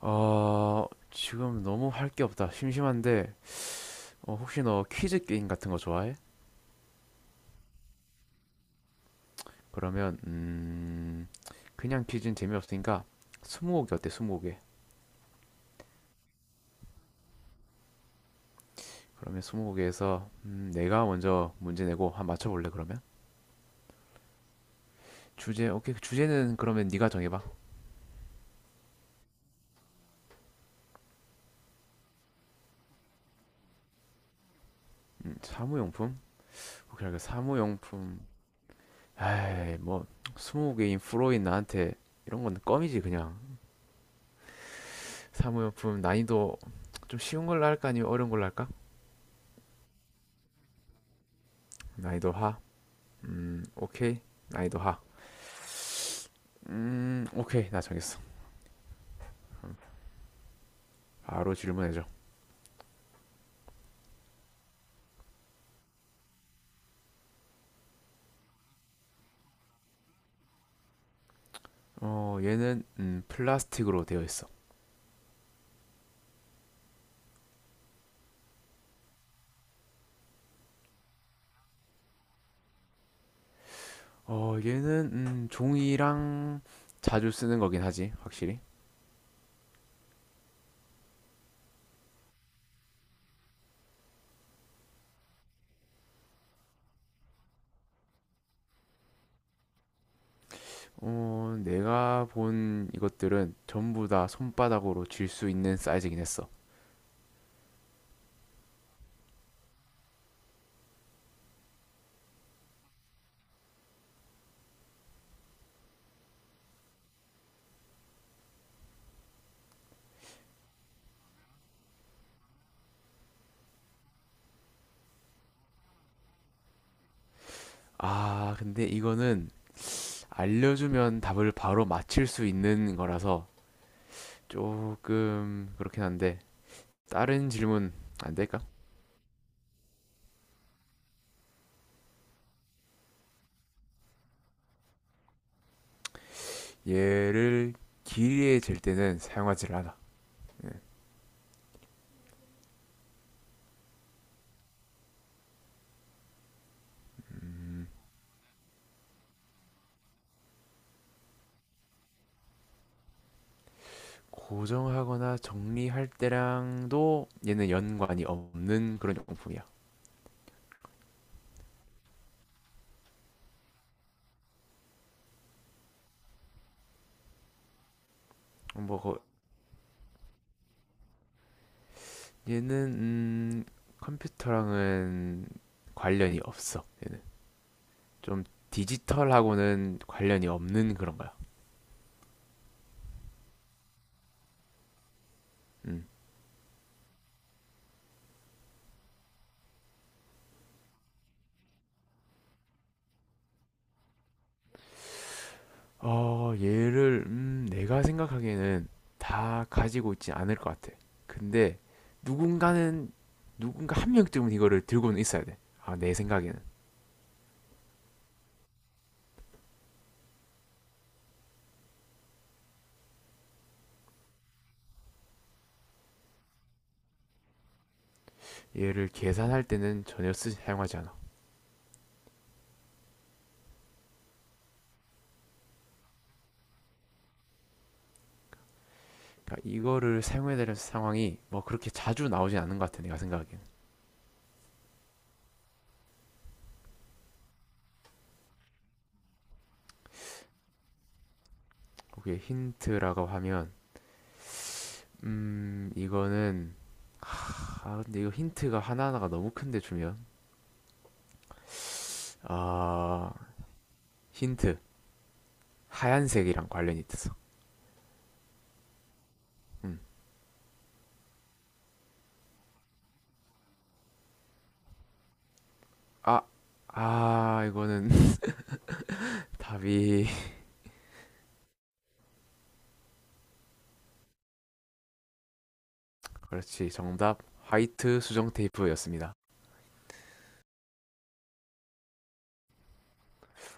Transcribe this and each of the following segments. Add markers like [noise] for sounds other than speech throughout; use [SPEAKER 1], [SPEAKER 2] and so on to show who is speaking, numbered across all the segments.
[SPEAKER 1] 지금 너무 할 게 없다. 심심한데, 혹시 너 퀴즈 게임 같은 거 좋아해? 그러면, 그냥 퀴즈는 재미없으니까, 스무고개 어때, 스무고개? 그러면 스무고개에서, 내가 먼저 문제 내고 한 맞춰볼래, 그러면? 주제, 오케이. 주제는 그러면 네가 정해봐. 사무용품? 오케이, 알겠어. 사무용품. 에이, 뭐, 스무고개인 프로인 나한테 이런 건 껌이지, 그냥. 사무용품 난이도 좀 쉬운 걸로 할까, 아니면 어려운 걸로 할까? 난이도 하. 오케이. 난이도 하. 오케이. 나 정했어. 바로 질문해줘. 어, 얘는 플라스틱으로 되어 있어. 어, 얘는 종이랑 자주 쓰는 거긴 하지, 확실히. 어, 내가 본 이것들은 전부 다 손바닥으로 쥘 수 있는 사이즈긴 했어. 아, 근데 이거는 알려주면 답을 바로 맞힐 수 있는 거라서 조금 그렇긴 한데 다른 질문 안 될까? 얘를 길이에 잴 때는 사용하지를 않아. 고정하거나 정리할 때랑도 얘는 연관이 없는 그런 용품이야. 뭐 거- 얘는 컴퓨터랑은 관련이 없어. 얘는 좀 디지털하고는 관련이 없는 그런 거야. 음. 어, 얘를 내가 생각하기에는 다 가지고 있지 않을 것 같아. 근데 누군가는 누군가 한 명쯤은 이거를 들고는 있어야 돼. 아, 내 생각에는. 얘를 계산할 때는 전혀 사용하지 않아. 그러니까 이거를 사용해야 될 상황이 뭐 그렇게 자주 나오진 않는 것 같아 내가 생각하기엔. 그게 힌트라고 하면 이거는 아 근데 이거 힌트가 하나하나가 너무 큰데 주면 아 힌트 하얀색이랑 관련이 있어. 음아아 이거는 [laughs] 답이 그렇지 정답 화이트 수정 테이프였습니다.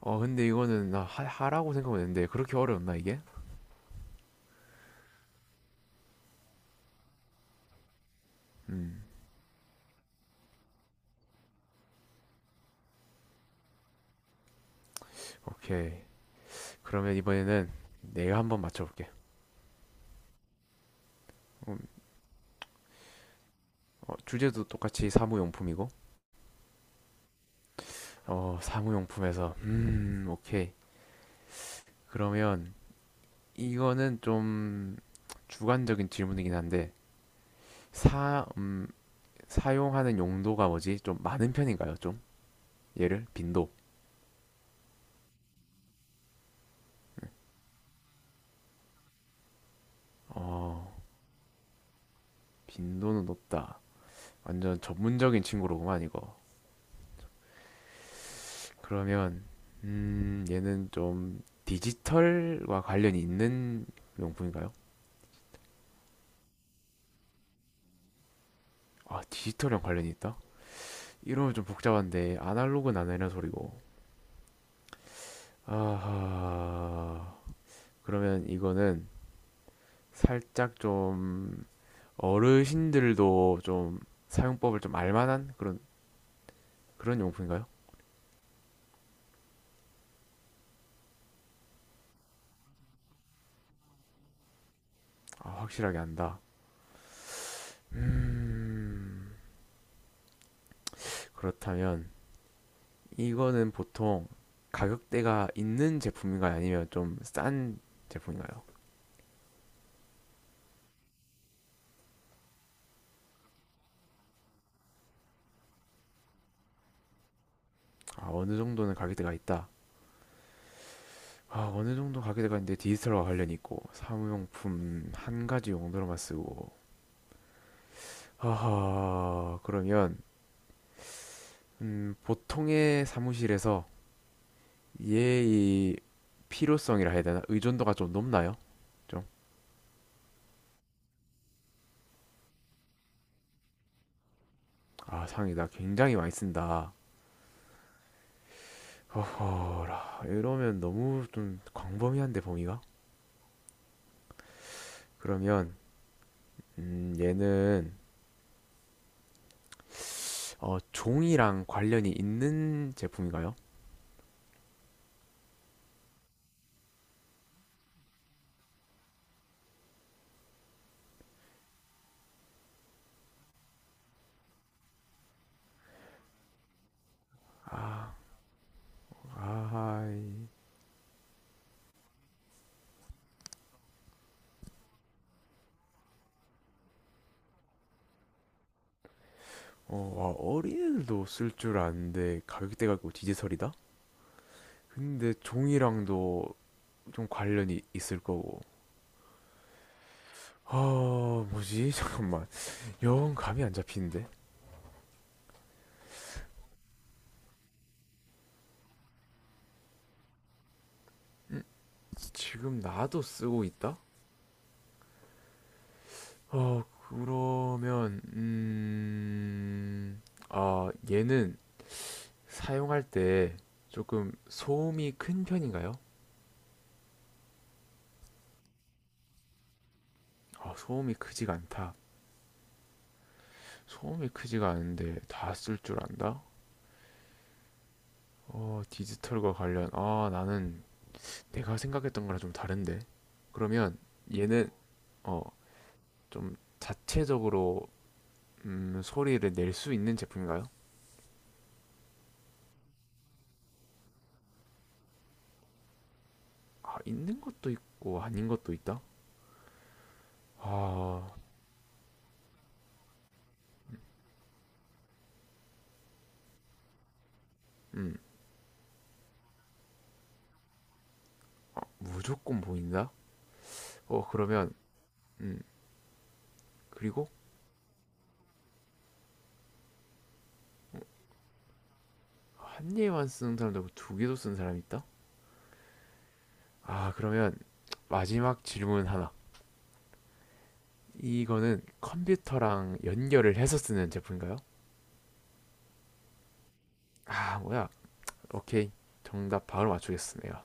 [SPEAKER 1] 어 근데 이거는 하라고 생각했는데 그렇게 어려웠나 이게? 음 오케이 그러면 이번에는 내가 한번 맞춰볼게. 음, 어, 주제도 똑같이 사무용품이고, 어, 사무용품에서, 오케이. 그러면 이거는 좀 주관적인 질문이긴 한데, 사, 음, 사용하는 용도가 뭐지? 좀 많은 편인가요? 좀? 얘를? 빈도. 어, 빈도는 높다. 완전 전문적인 친구로구만, 이거. 그러면, 얘는 좀 디지털과 관련이 있는 용품인가요? 아, 디지털이랑 관련이 있다? 이러면 좀 복잡한데 아날로그는 안 되는 소리고 아하 그러면 이거는 살짝 좀 어르신들도 좀 사용법을 좀 알만한 그런 용품인가요? 아 확실하게 안다 음 그렇다면 이거는 보통 가격대가 있는 제품인가요? 아니면 좀 싼 제품인가요? 아 어느 정도는 가격대가 있다 아, 어느 정도 가격대가 있는데 디지털과 관련이 있고 사무용품 한 가지 용도로만 쓰고 아하, 그러면, 보통의 사무실에서 얘의 필요성이라 해야 되나? 의존도가 좀 높나요? 좀, 아, 상이다. 굉장히 많이 쓴다. 허허라, 이러면 너무 좀 광범위한데, 범위가? 그러면, 얘는, 어, 종이랑 관련이 있는 제품인가요? 아, 아하이. 어, 와, 어린애들도 쓸 줄 아는데 가격대가 있고 디지털이다? 근데 종이랑도 좀 관련이 있을 거고. 아, 뭐지? [laughs] 잠깐만. 영 감이 안 잡히는데? 지금 나도 쓰고 있다? 어, 그러면, 아, 얘는 사용할 때 조금 소음이 큰 편인가요? 아, 소음이 크지가 않다. 소음이 크지가 않은데 다 쓸 줄 안다? 아, 나는 내가 생각했던 거랑 좀 다른데. 그러면 얘는, 어, 좀 자체적으로 소리를 낼 수 있는 제품인가요? 아, 있는 것도 있고 아닌 것도 있다? 아, 음, 무조건 보인다? 어, 그러면, 음, 그리고 한 개만 쓰는 사람도 있고 두 개도 쓰는 사람이 있다? 아, 그러면 마지막 질문 하나. 이거는 컴퓨터랑 연결을 해서 쓰는 제품인가요? 아, 뭐야. 오케이. 정답 바로 맞추겠습 내가.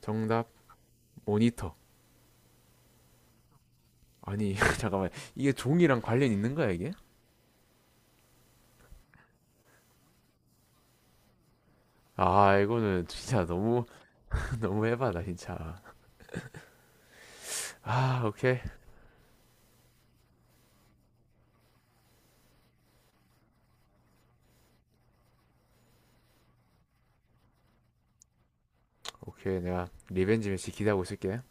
[SPEAKER 1] 정답, 모니터. 아니, [laughs] 잠깐만. 이게 종이랑 관련 있는 거야, 이게? 아, 이거는 진짜 너무, [laughs] 너무 해봐다, 진짜. 아, 오케이. 오케이. 내가 리벤지 매치 기대하고 있을게.